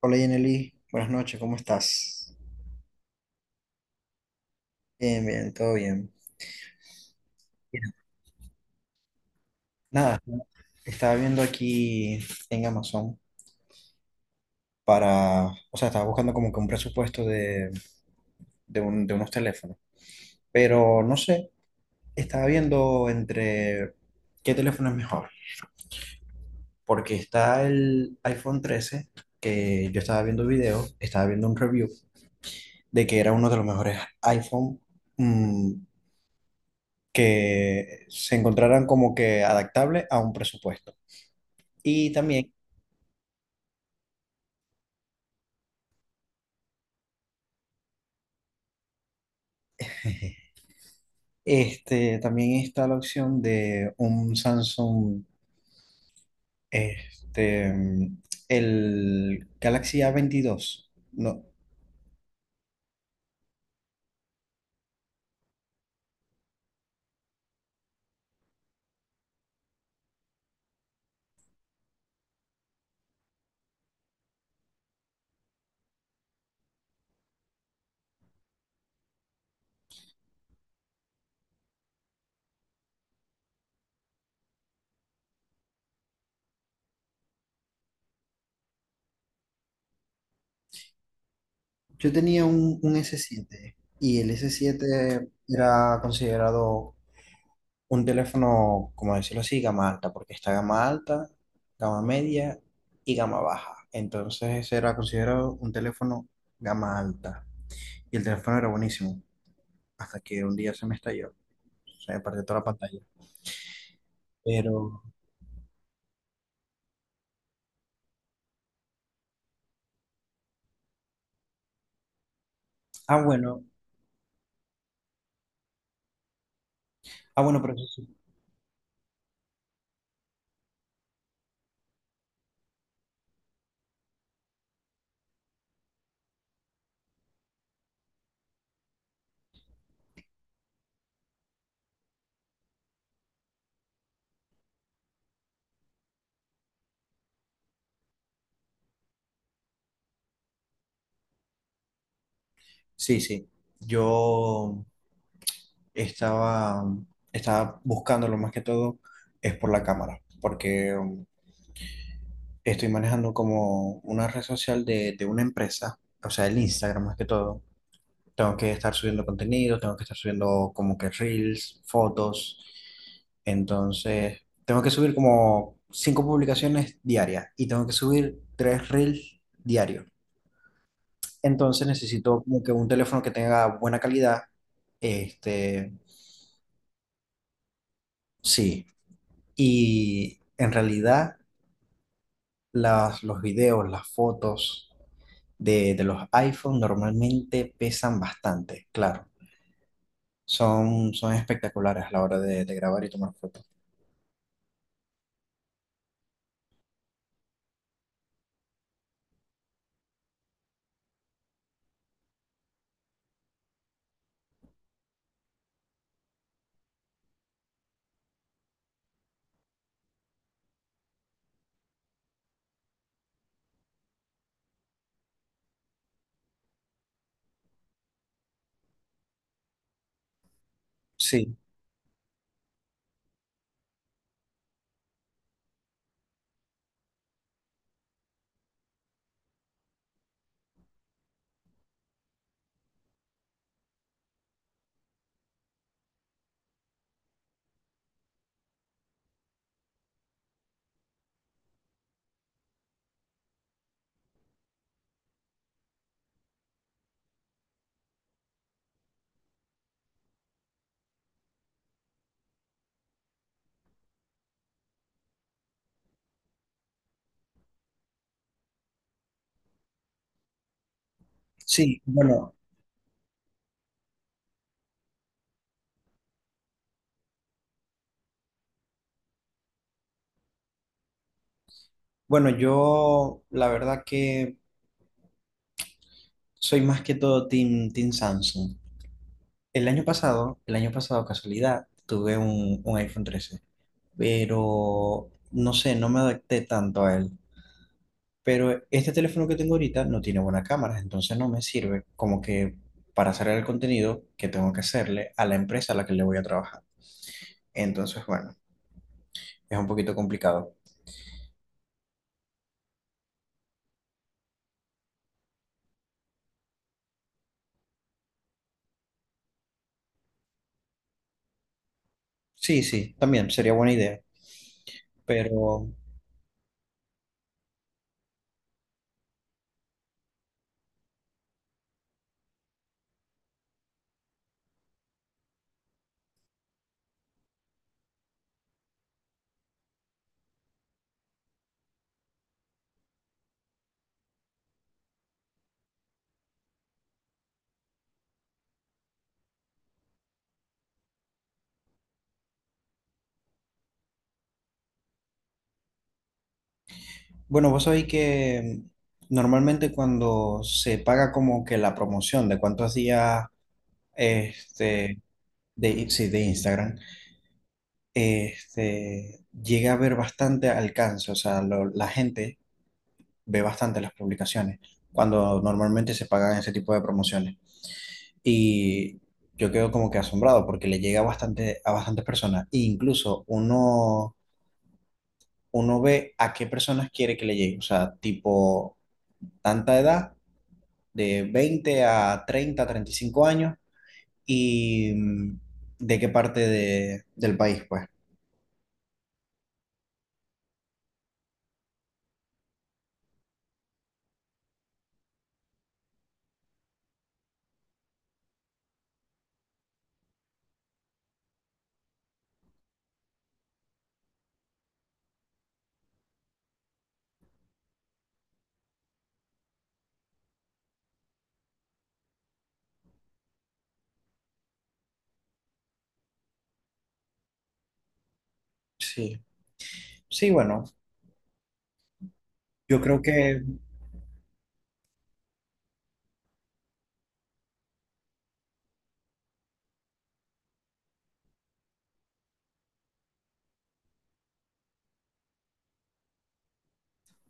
Hola Yeneli, buenas noches, ¿cómo estás? Bien, bien, todo bien. Bien. Nada, estaba viendo aquí en Amazon para, o sea, estaba buscando como que un presupuesto de de unos teléfonos, pero no sé, estaba viendo entre qué teléfono es mejor, porque está el iPhone 13 que yo estaba viendo videos, estaba viendo un review de que era uno de los mejores iPhone mm, que se encontraran como que adaptable a un presupuesto. Y también, también está la opción de un Samsung, este, el Galaxy A22. No, yo tenía un S7 y el S7 era considerado un teléfono, como decirlo así, gama alta, porque está gama alta, gama media y gama baja. Entonces era considerado un teléfono gama alta. Y el teléfono era buenísimo, hasta que un día se me estalló, se me partió toda la pantalla. Pero, ah, bueno, ah, bueno, pero eso sí. Sí, sí. Yo estaba, estaba buscándolo más que todo, es por la cámara, porque estoy manejando como una red social de una empresa, o sea, el Instagram más que todo. Tengo que estar subiendo contenido, tengo que estar subiendo como que reels, fotos. Entonces, tengo que subir como cinco publicaciones diarias y tengo que subir tres reels diarios. Entonces necesito como que un teléfono que tenga buena calidad. Este, sí. Y en realidad las, los videos, las fotos de los iPhone normalmente pesan bastante, claro. Son espectaculares a la hora de grabar y tomar fotos. Sí, sí, bueno, bueno, yo la verdad que soy más que todo Team, team Samsung. El año pasado, casualidad, tuve un iPhone 13. Pero no sé, no me adapté tanto a él. Pero este teléfono que tengo ahorita no tiene buena cámara, entonces no me sirve como que para hacer el contenido que tengo que hacerle a la empresa a la que le voy a trabajar. Entonces, bueno, es un poquito complicado. Sí, sí, también sería buena idea. Pero bueno, vos sabéis que normalmente cuando se paga como que la promoción de cuántos días este, de, sí, de Instagram, este, llega a ver bastante alcance, o sea, la gente ve bastante las publicaciones cuando normalmente se pagan ese tipo de promociones. Y yo quedo como que asombrado porque le llega bastante a bastantes personas. E incluso uno ve a qué personas quiere que le llegue, o sea, tipo tanta edad, de 20 a 30, 35 años y de qué parte del país, pues. Sí, sí, bueno, yo creo que...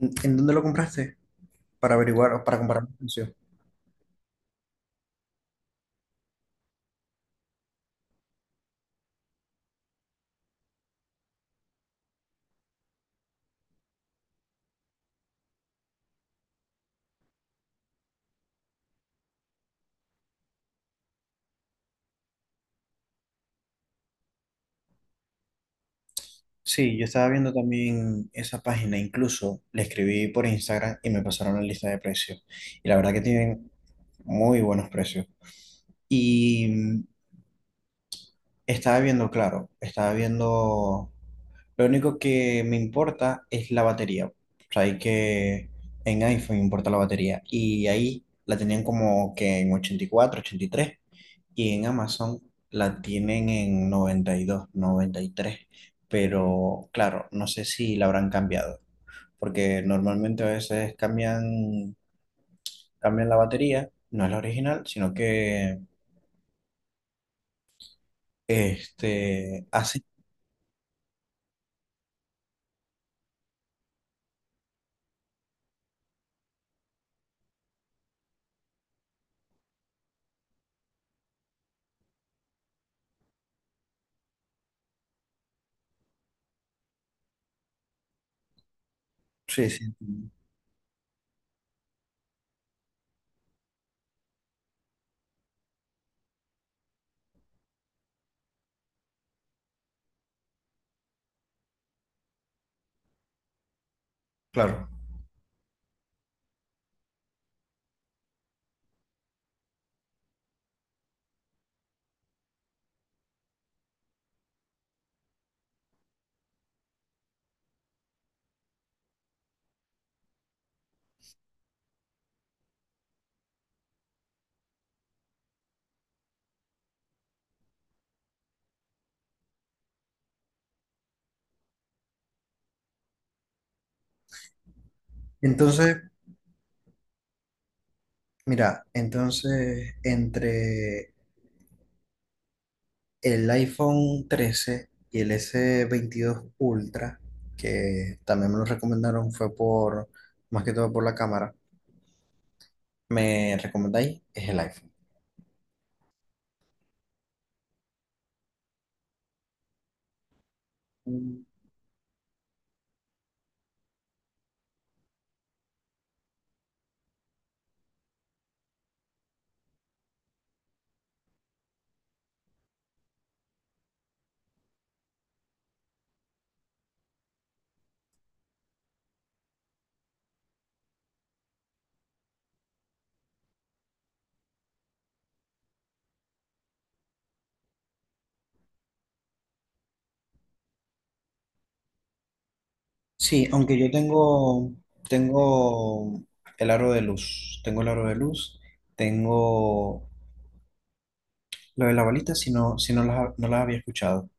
¿En dónde lo compraste? Para averiguar o para comparar el precio. Sí, yo estaba viendo también esa página, incluso le escribí por Instagram y me pasaron la lista de precios. Y la verdad que tienen muy buenos precios. Y estaba viendo, claro, estaba viendo, lo único que me importa es la batería. O sea, hay que en iPhone importa la batería. Y ahí la tenían como que en 84, 83. Y en Amazon la tienen en 90 92 93, pero claro, no sé si la habrán cambiado, porque normalmente a veces cambian la batería, no es la original, sino que así, sí, sí, claro. Entonces, mira, entonces entre el iPhone 13 y el S22 Ultra, que también me lo recomendaron, fue por, más que todo por la cámara. Me recomendáis es el iPhone. Mm, sí, aunque yo tengo el aro de luz, tengo el aro de luz, tengo lo de la balita, si no, no las había escuchado.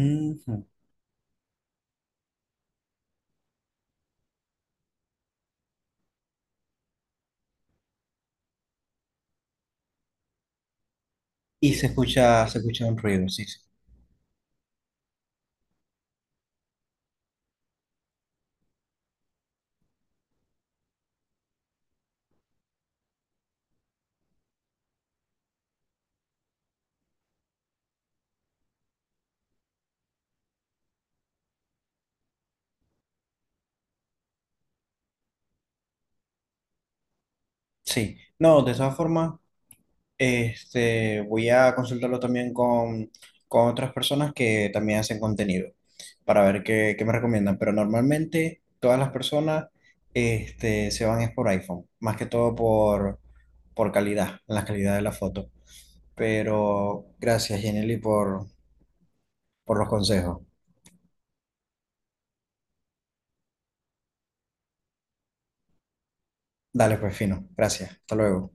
Ujú. Y se escucha un ruido, sí, sí. Sí. No, de todas formas, voy a consultarlo también con otras personas que también hacen contenido para ver qué me recomiendan. Pero normalmente todas las personas se van es por iPhone, más que todo por calidad, la calidad de la foto. Pero gracias, Jenny, por los consejos. Dale, pues fino. Gracias. Hasta luego.